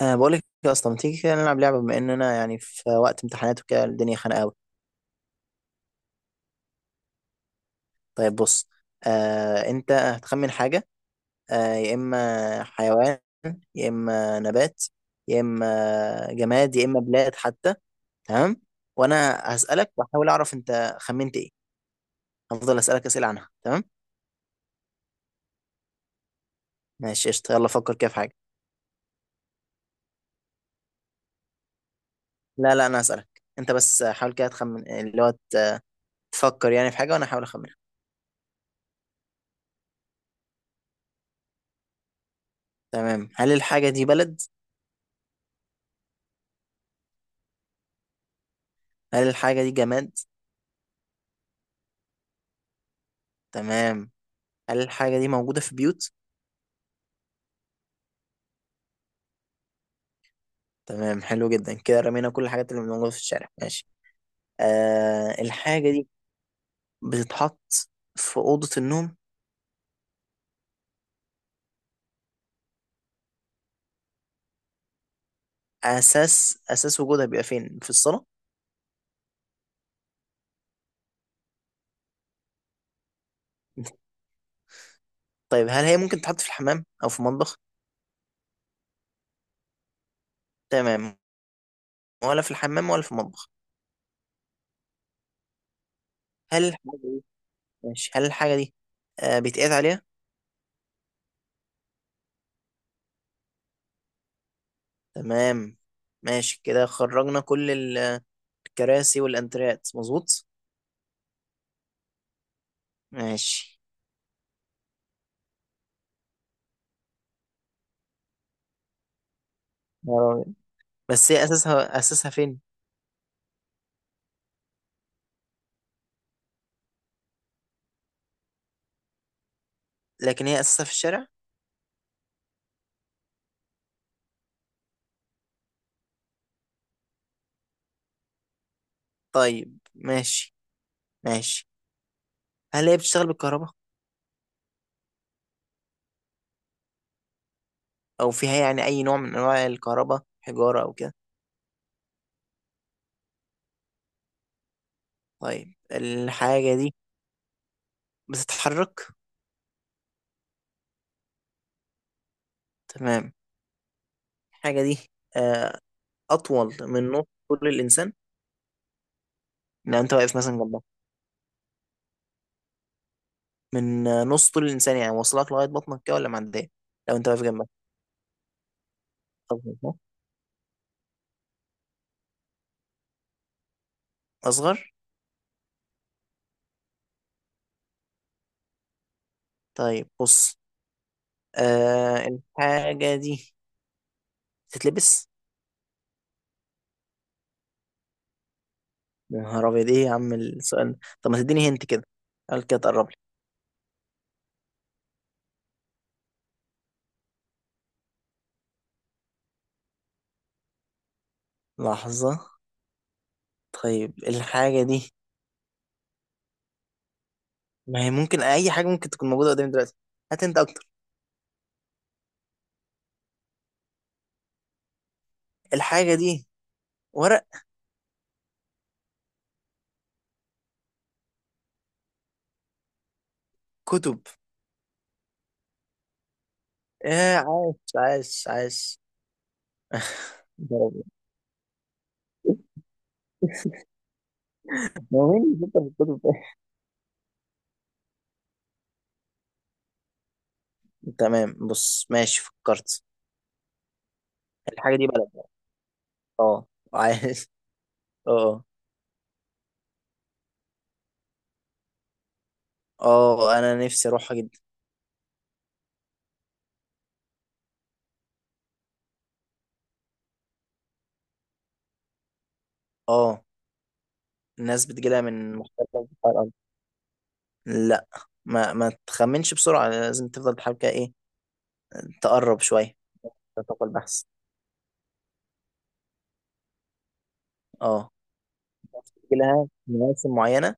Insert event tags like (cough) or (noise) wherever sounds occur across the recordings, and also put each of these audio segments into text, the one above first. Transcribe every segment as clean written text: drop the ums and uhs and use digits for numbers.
أه، بقول لك يا اسطى، ما تيجي كده نلعب لعبه؟ بما ان انا يعني في وقت امتحانات وكده الدنيا خانقه قوي. طيب بص. أه، انت هتخمن حاجه، أه يا اما حيوان، يا اما نبات، يا اما جماد، يا اما بلاد حتى. تمام. وانا هسالك واحاول اعرف انت خمنت ايه. هفضل اسالك اسئله عنها. تمام ماشي قشطه، يلا فكر كده في حاجه. لا لا، انا هسالك انت، بس حاول كده تخمن اللي هو تفكر يعني في حاجه وانا احاول اخمنها. تمام. هل الحاجه دي بلد؟ هل الحاجه دي جماد؟ تمام. هل الحاجة دي موجودة في بيوت؟ تمام، حلو جدا، كده رمينا كل الحاجات اللي موجودة في الشارع. ماشي. آه، الحاجة دي بتتحط في أوضة النوم؟ أساس أساس وجودها بيبقى فين؟ في الصالة؟ طيب، هل هي ممكن تتحط في الحمام أو في المطبخ؟ تمام. ولا في الحمام ولا في المطبخ. هل الحاجة دي، ماشي، هل الحاجة دي بيتقعد عليها؟ تمام. ماشي كده، خرجنا كل الكراسي والأنتريات، مظبوط؟ ماشي. بس هي أساسها، أساسها فين؟ لكن هي أساسها في الشارع؟ طيب ماشي. ماشي. هل هي بتشتغل بالكهرباء او فيها يعني اي نوع من انواع الكهرباء، حجارة او كده؟ طيب، الحاجة دي بتتحرك؟ تمام. الحاجة دي آه، اطول من نص طول الانسان؟ لو انت واقف مثلا جنبها، من نص طول الانسان يعني واصلك لغاية بطنك كده ولا معدية؟ لو انت واقف جنبها، أصغر؟ أصغر؟ طيب بص، الحاجة دي تتلبس؟ يا نهار أبيض، إيه يا عم السؤال ده؟ طب ما تديني هنت كده، قال كده تقرب لي. لحظة. طيب الحاجة دي، ما هي ممكن أي حاجة ممكن تكون موجودة قدامي دلوقتي. هات أنت أكتر. الحاجة دي ورق؟ كتب؟ إيه عاش عاش عاش، (laughs) ضرب. هو مين اللي بيفكر في الكتب ده؟ تمام بص ماشي فكرت. الحاجة دي بلد. اه، عايز. (laughs) اه. اه، انا نفسي اروحها جدا. اه، الناس بتجيلها من مختلف انحاء الارض. لا، ما تخمنش بسرعة، لازم تفضل تحاول كده ايه. تقرب شوية. تتوقع البحث. اه، بتجيلها مواسم معينة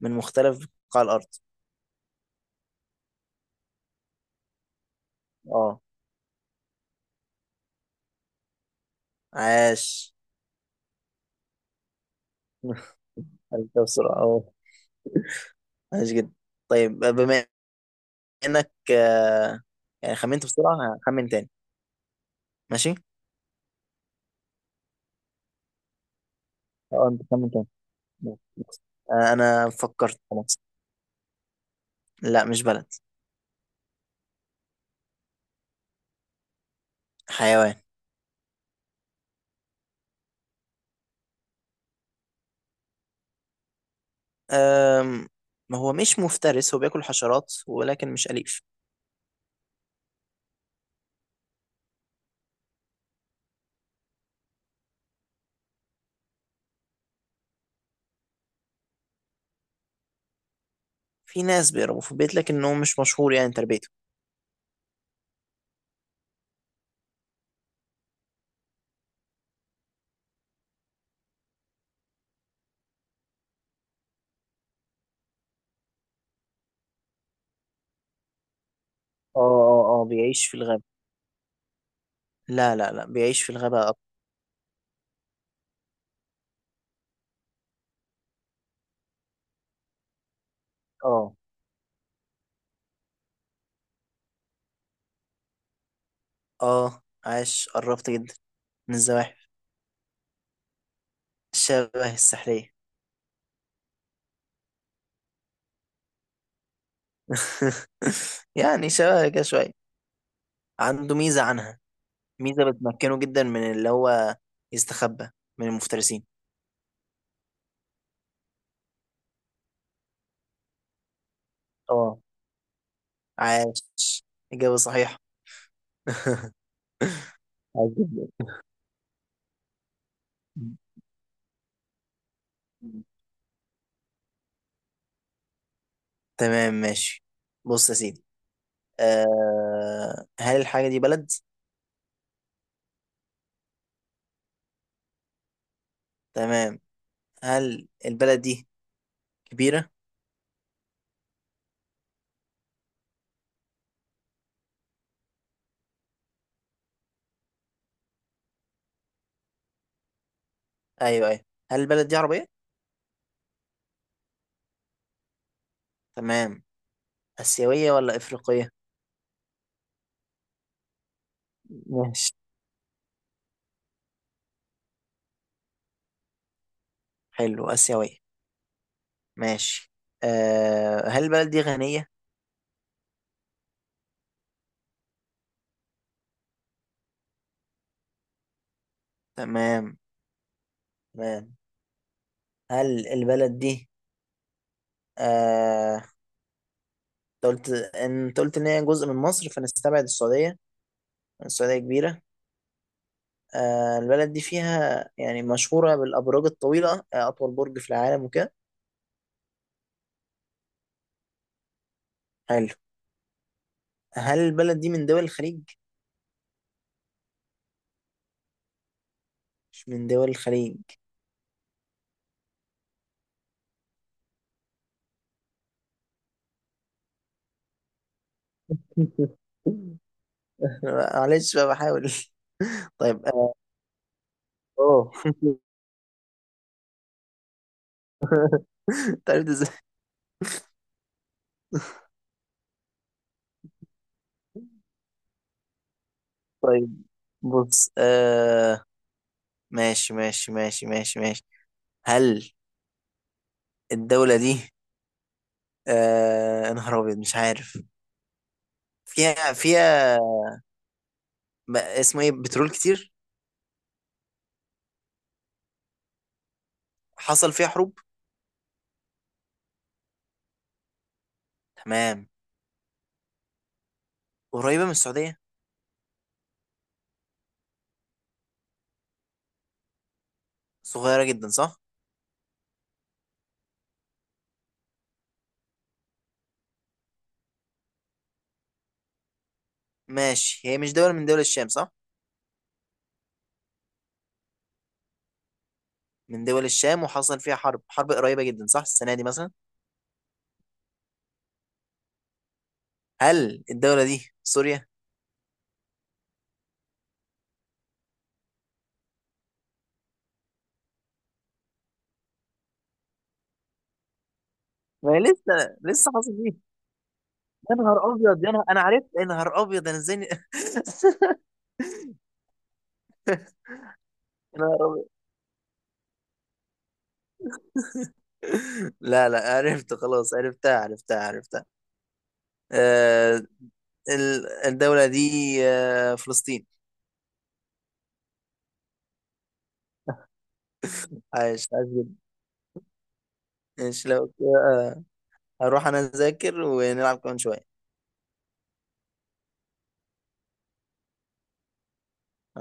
من مختلف بقاع الأرض. اه، عاش. (laughs) عرفتها بسرعة، اه. عاش جدا. طيب بما إنك يعني خمنت بسرعة، هخمن تاني. ماشي. اه أنت خمن تاني. ماشي. أنا فكرت خلاص. لا مش بلد. حيوان. أم... هو مش مفترس، هو بياكل حشرات ولكن مش أليف. في ناس بيربوا في البيت لكن هو مش مشهور يعني تربيته. اه اه اه، بيعيش في الغابة. لا لا لا، بيعيش في الغابة أكتر. اه. اه، عاش، قربت جدا. من الزواحف. شبه السحرية. (laughs) يعني شبه كده شوية، عنده ميزة عنها، ميزة بتمكنه جدا من اللي هو يستخبى من المفترسين. اه عاش، إجابة صحيحة. (laughs) عاش جدا. تمام ماشي، بص يا سيدي. أه، هل الحاجة دي بلد؟ تمام. هل البلد دي كبيرة؟ أيوه أيوه. هل البلد دي عربية؟ تمام. آسيوية ولا إفريقية؟ ماشي. حلو، آسيوية. ماشي. آه، هل البلد دي غنية؟ تمام. تمام. هل البلد دي، آه، انت قلت ان هي جزء من مصر، فنستبعد السعودية. السعودية كبيرة. آه، البلد دي فيها يعني مشهورة بالأبراج الطويلة، آه أطول برج في العالم وكده. حلو. هل البلد دي من دول الخليج؟ مش من دول الخليج. (laughs) معلش بقى بحاول. (laughs) طيب اه. أوه. (laughs) طيب ازاي؟ طيب بص ماشي ماشي ماشي ماشي ماشي. هل الدولة دي، يا نهار أبيض مش عارف. فيها فيها اسمه إيه بترول كتير؟ حصل فيها حروب؟ تمام. قريبة من السعودية. صغيرة جدا، صح؟ ماشي، هي مش دولة من دول الشام صح؟ من دول الشام، وحصل فيها حرب حرب قريبة جدا صح، السنة دي مثلا. هل الدولة دي سوريا؟ ما هي لسه لسه حصل دي. يا نهار أبيض، يا نهار، أنا عرفت، يا نهار أبيض أنا إزاي (laughs) يا نهار أبيض. (laughs) لا لا عرفت خلاص، عرفتها عرفتها عرفتها. آه، الدولة دي فلسطين. عايش عايش جدا. ماشي لو كده، هروح أنا أذاكر ونلعب كمان شوية.